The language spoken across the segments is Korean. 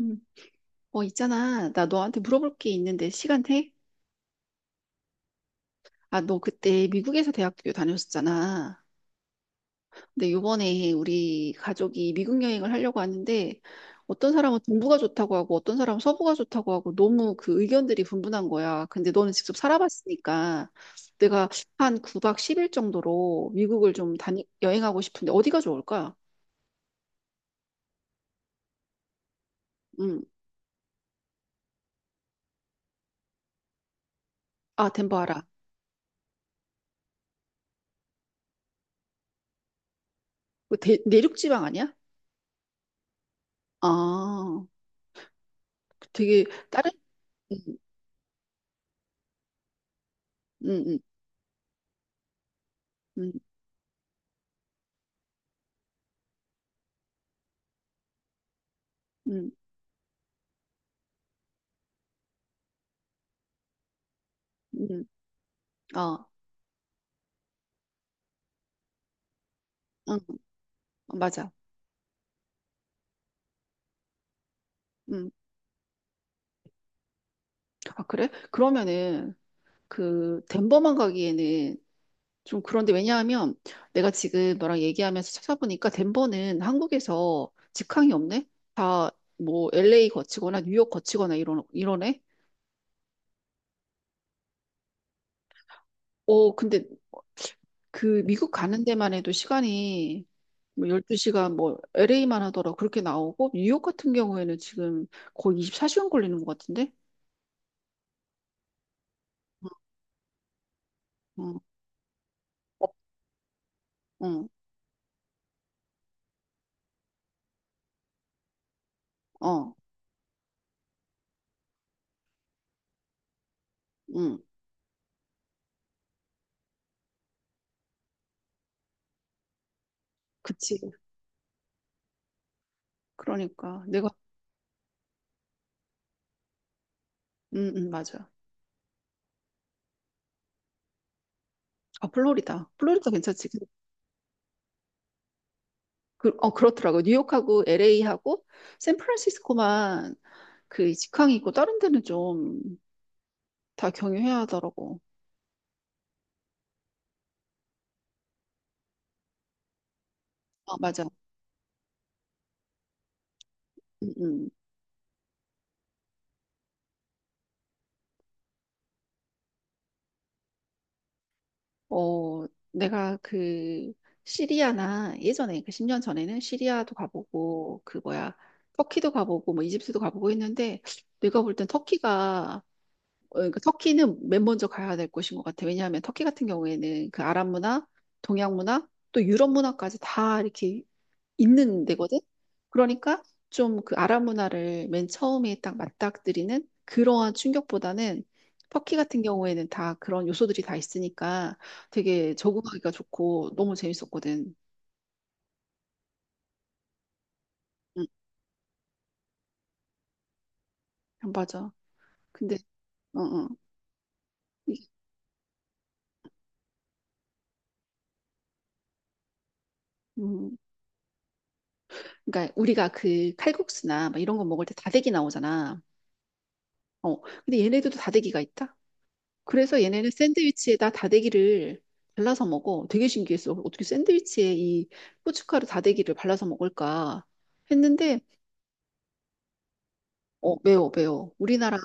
음. 있잖아. 나 너한테 물어볼 게 있는데 시간 돼? 아, 너 그때 미국에서 대학교 다녔었잖아. 근데 요번에 우리 가족이 미국 여행을 하려고 하는데 어떤 사람은 동부가 좋다고 하고 어떤 사람은 서부가 좋다고 하고 너무 그 의견들이 분분한 거야. 근데 너는 직접 살아봤으니까 내가 한 9박 10일 정도로 미국을 좀 여행하고 싶은데 어디가 좋을까? 음. 아, 덴버 알아. 그 내륙 지방 아니야? 아, 되게 다른. 음, 음. 음. 음. 음. 아, 응, 맞아. 음, 아, 그래? 그러면은, 그, 덴버만 가기에는 좀 그런데. 왜냐하면 내가 지금 너랑 얘기하면서 찾아보니까 덴버는 한국에서 직항이 없네? 다 뭐 LA 거치거나 뉴욕 거치거나 이러네? 근데 그 미국 가는 데만 해도 시간이 뭐 12시간, 뭐 LA만 하더라 그렇게 나오고 뉴욕 같은 경우에는 지금 거의 24시간 걸리는 것 같은데? 어, 어, 어, 응. 그치. 그러니까 내가. 맞아. 아, 플로리다. 플로리다 괜찮지. 그, 그렇더라고. 뉴욕하고 LA하고 샌프란시스코만 그 직항이 있고 다른 데는 좀 다 경유해야 하더라고. 아, 맞아. 음, 음. 어 내가 그 시리아나 예전에 그 10년 전에는 시리아도 가보고 그 뭐야 터키도 가보고 뭐 이집트도 가보고 했는데 내가 볼 땐 터키가, 그러니까 터키는 맨 먼저 가야 될 곳인 것 같아. 왜냐하면 터키 같은 경우에는 그 아랍 문화, 동양 문화, 또 유럽 문화까지 다 이렇게 있는 데거든. 그러니까 좀 그 아랍 문화를 맨 처음에 딱 맞닥뜨리는 그러한 충격보다는 터키 같은 경우에는 다 그런 요소들이 다 있으니까 되게 적응하기가 좋고 너무 재밌었거든. 응, 응, 맞아. 근데 어, 어. 이- 음, 그러니까 우리가 그 칼국수나 막 이런 거 먹을 때 다대기 나오잖아. 어, 근데 얘네들도 다대기가 있다? 그래서 얘네는 샌드위치에다 다대기를 발라서 먹어. 되게 신기했어. 어떻게 샌드위치에 이 고춧가루 다대기를 발라서 먹을까 했는데. 매워, 매워. 우리나라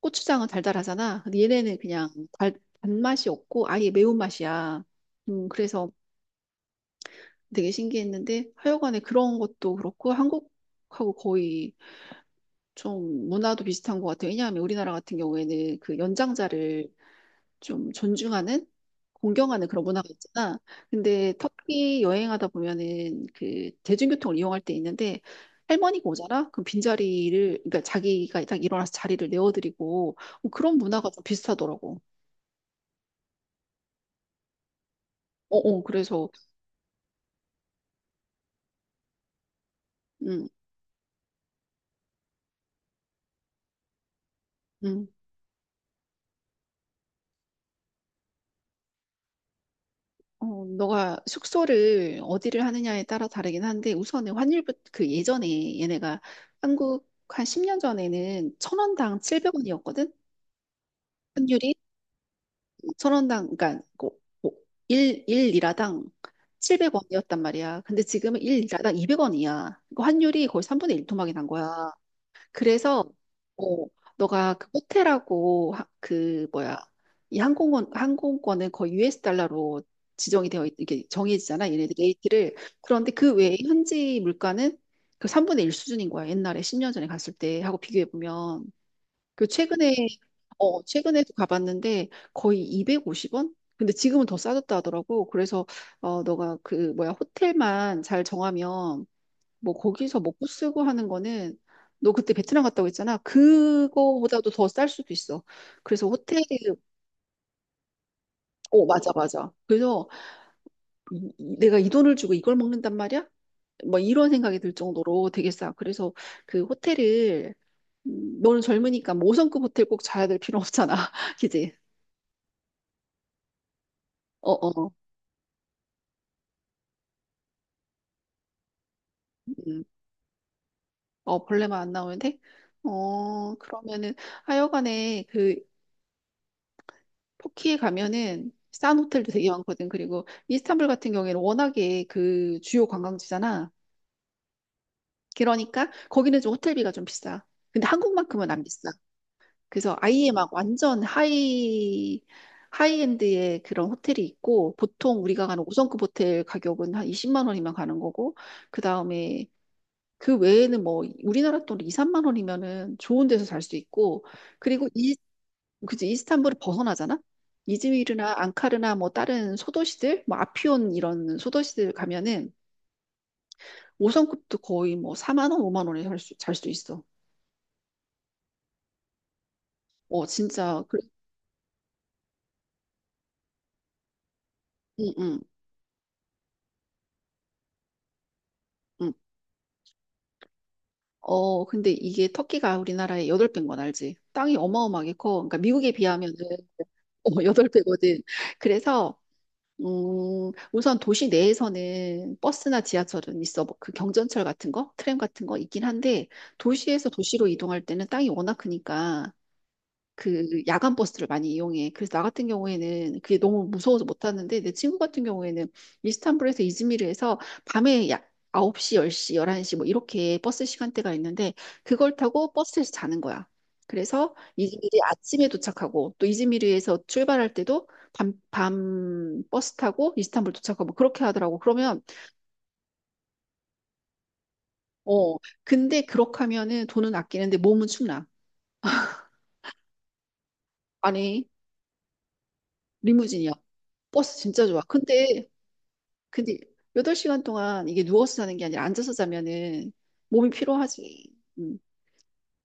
고추장은 달달하잖아. 근데 얘네는 그냥 단맛이 없고 아예 매운맛이야. 그래서 되게 신기했는데, 하여간에 그런 것도 그렇고, 한국하고 거의 좀 문화도 비슷한 것 같아요. 왜냐하면 우리나라 같은 경우에는 그 연장자를 좀 존중하는, 공경하는 그런 문화가 있잖아. 근데 터키 여행하다 보면은 그 대중교통을 이용할 때 있는데, 할머니가 오잖아? 그럼 빈자리를, 그러니까 자기가 딱 일어나서 자리를 내어드리고 뭐 그런 문화가 좀 비슷하더라고. 어, 어, 그래서, 음, 음. 너가 숙소를 어디를 하느냐에 따라 다르긴 한데 우선은 환율부터 그 예전에 얘네가 한국 한 10년 전에는 천 원당 700원이었거든? 환율이? 천 원당 그러니까 일 1, 일리라당 700원이었단 말이야. 근데 지금은 1리라당 200원이야. 그 환율이 거의 3분의 1 토막이 난 거야. 그래서 어, 너가 그 호텔하고 그 뭐야 이 항공권은 거의 US 달러로 지정이 되어 이게 정해지잖아. 얘네들 레이트를. 그런데 그 외에 현지 물가는 그 3분의 1 수준인 거야. 옛날에 10년 전에 갔을 때 하고 비교해 보면. 그 최근에 최근에도 가봤는데 거의 250원? 근데 지금은 더 싸졌다 하더라고. 그래서 너가 그 뭐야 호텔만 잘 정하면 뭐 거기서 먹고 쓰고 하는 거는, 너 그때 베트남 갔다고 했잖아. 그거보다도 더 쌀 수도 있어. 그래서 호텔. 어, 맞아, 맞아. 그래서 내가 이 돈을 주고 이걸 먹는단 말이야? 뭐 이런 생각이 들 정도로 되게 싸. 그래서 그 호텔을. 너는 젊으니까 뭐 5성급 호텔 꼭 자야 될 필요 없잖아. 그지? 어, 어, 음. 벌레만 안 나오는데? 그러면은, 하여간에 그, 터키에 가면은 싼 호텔도 되게 많거든. 그리고 이스탄불 같은 경우에는 워낙에 그 주요 관광지잖아. 그러니까 거기는 좀 호텔비가 좀 비싸. 근데 한국만큼은 안 비싸. 그래서 아예 막 완전 하이엔드의 그런 호텔이 있고, 보통 우리가 가는 5성급 호텔 가격은 한 20만 원이면 가는 거고, 그 다음에, 그 외에는 뭐 우리나라 돈 2, 3만 원이면은 좋은 데서 살 수 있고, 그리고 이. 그치, 이스탄불을 벗어나잖아. 이즈미르나 앙카르나 뭐 다른 소도시들, 뭐 아피온 이런 소도시들 가면은 5성급도 거의 뭐 4만 원, 5만 원에 살 수 있어. 진짜 그래. 응, 응, 응. 근데 이게 터키가 우리나라의 8배인 건 알지? 땅이 어마어마하게 커. 그러니까 미국에 비하면은 8배거든. 그래서 우선 도시 내에서는 버스나 지하철은 있어. 뭐 그 경전철 같은 거, 트램 같은 거 있긴 한데 도시에서 도시로 이동할 때는 땅이 워낙 크니까 그 야간 버스를 많이 이용해. 그래서 나 같은 경우에는 그게 너무 무서워서 못 탔는데, 내 친구 같은 경우에는 이스탄불에서 이즈미르에서 밤에 약 9시, 10시, 11시 뭐 이렇게 버스 시간대가 있는데 그걸 타고 버스에서 자는 거야. 그래서 이즈미르 아침에 도착하고 또 이즈미르에서 출발할 때도 밤 버스 타고 이스탄불 도착하고 뭐 그렇게 하더라고. 그러면. 어 근데 그렇게 하면은 돈은 아끼는데 몸은 춥나. 아니, 리무진이야. 버스 진짜 좋아. 근데 8시간 동안 이게 누워서 자는 게 아니라 앉아서 자면은 몸이 피로하지. 음.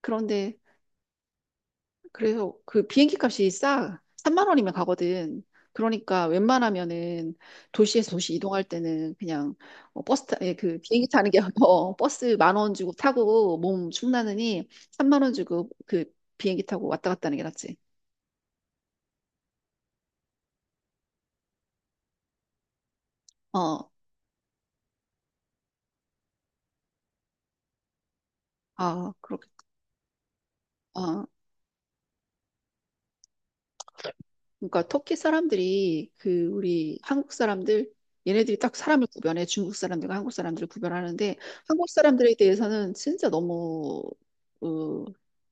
그런데, 그래서 그 비행기 값이 싸. 3만 원이면 가거든. 그러니까 웬만하면은 도시에서 도시 이동할 때는 그냥, 예, 그 비행기 타는 게 버스 만 원 주고 타고 몸 축나느니 3만 원 주고 그 비행기 타고 왔다 갔다 하는 게 낫지. 어. 아, 그렇게. 그러니까 터키 사람들이 그 우리 한국 사람들, 얘네들이 딱 사람을 구별해. 중국 사람들과 한국 사람들을 구별하는데 한국 사람들에 대해서는 진짜 너무, 어,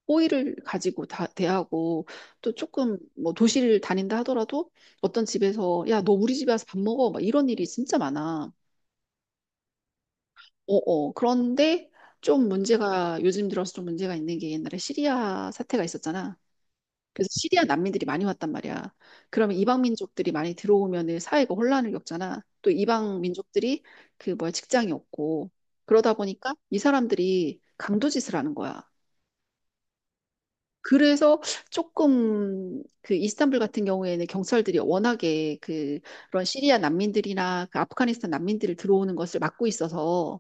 호의를 가지고 다 대하고, 또 조금 뭐 도시를 다닌다 하더라도 어떤 집에서 야 너 우리 집에 와서 밥 먹어 막 이런 일이 진짜 많아. 어어 그런데 좀 문제가, 요즘 들어서 좀 문제가 있는 게, 옛날에 시리아 사태가 있었잖아. 그래서 시리아 난민들이 많이 왔단 말이야. 그러면 이방 민족들이 많이 들어오면은 사회가 혼란을 겪잖아. 또 이방 민족들이 그 뭐야 직장이 없고 그러다 보니까 이 사람들이 강도짓을 하는 거야. 그래서 조금 그 이스탄불 같은 경우에는 경찰들이 워낙에 그 그런 시리아 난민들이나 그 아프가니스탄 난민들을 들어오는 것을 막고 있어서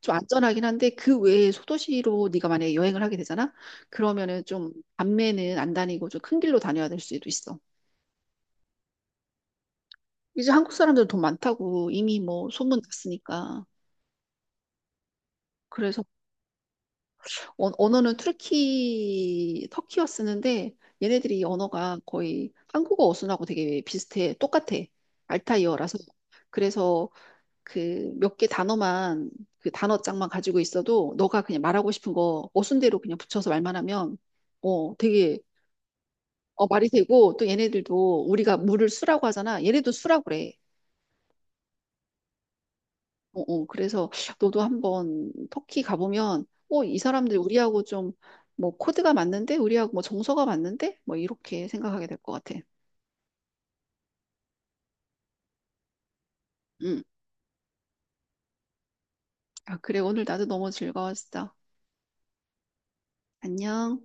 좀 안전하긴 한데 그 외에 소도시로 네가 만약에 여행을 하게 되잖아. 그러면은 좀 밤에는 안 다니고 좀 큰 길로 다녀야 될 수도 있어. 이제 한국 사람들 돈 많다고 이미 뭐 소문 났으니까. 그래서 언어는 터키어 쓰는데 얘네들이 언어가 거의 한국어 어순하고 되게 비슷해. 똑같아. 알타이어라서. 그래서 그 몇 개 단어만 그 단어장만 가지고 있어도 너가 그냥 말하고 싶은 거 어순대로 그냥 붙여서 말만 하면 되게 말이 되고 또 얘네들도 우리가 물을 수라고 하잖아. 얘네도 수라고 그래. 그래서 너도 한번 터키 가보면, 이 사람들 우리하고 좀, 뭐, 코드가 맞는데? 우리하고 뭐, 정서가 맞는데? 뭐, 이렇게 생각하게 될 것 같아. 응. 아, 그래, 오늘 나도 너무 즐거웠어. 안녕.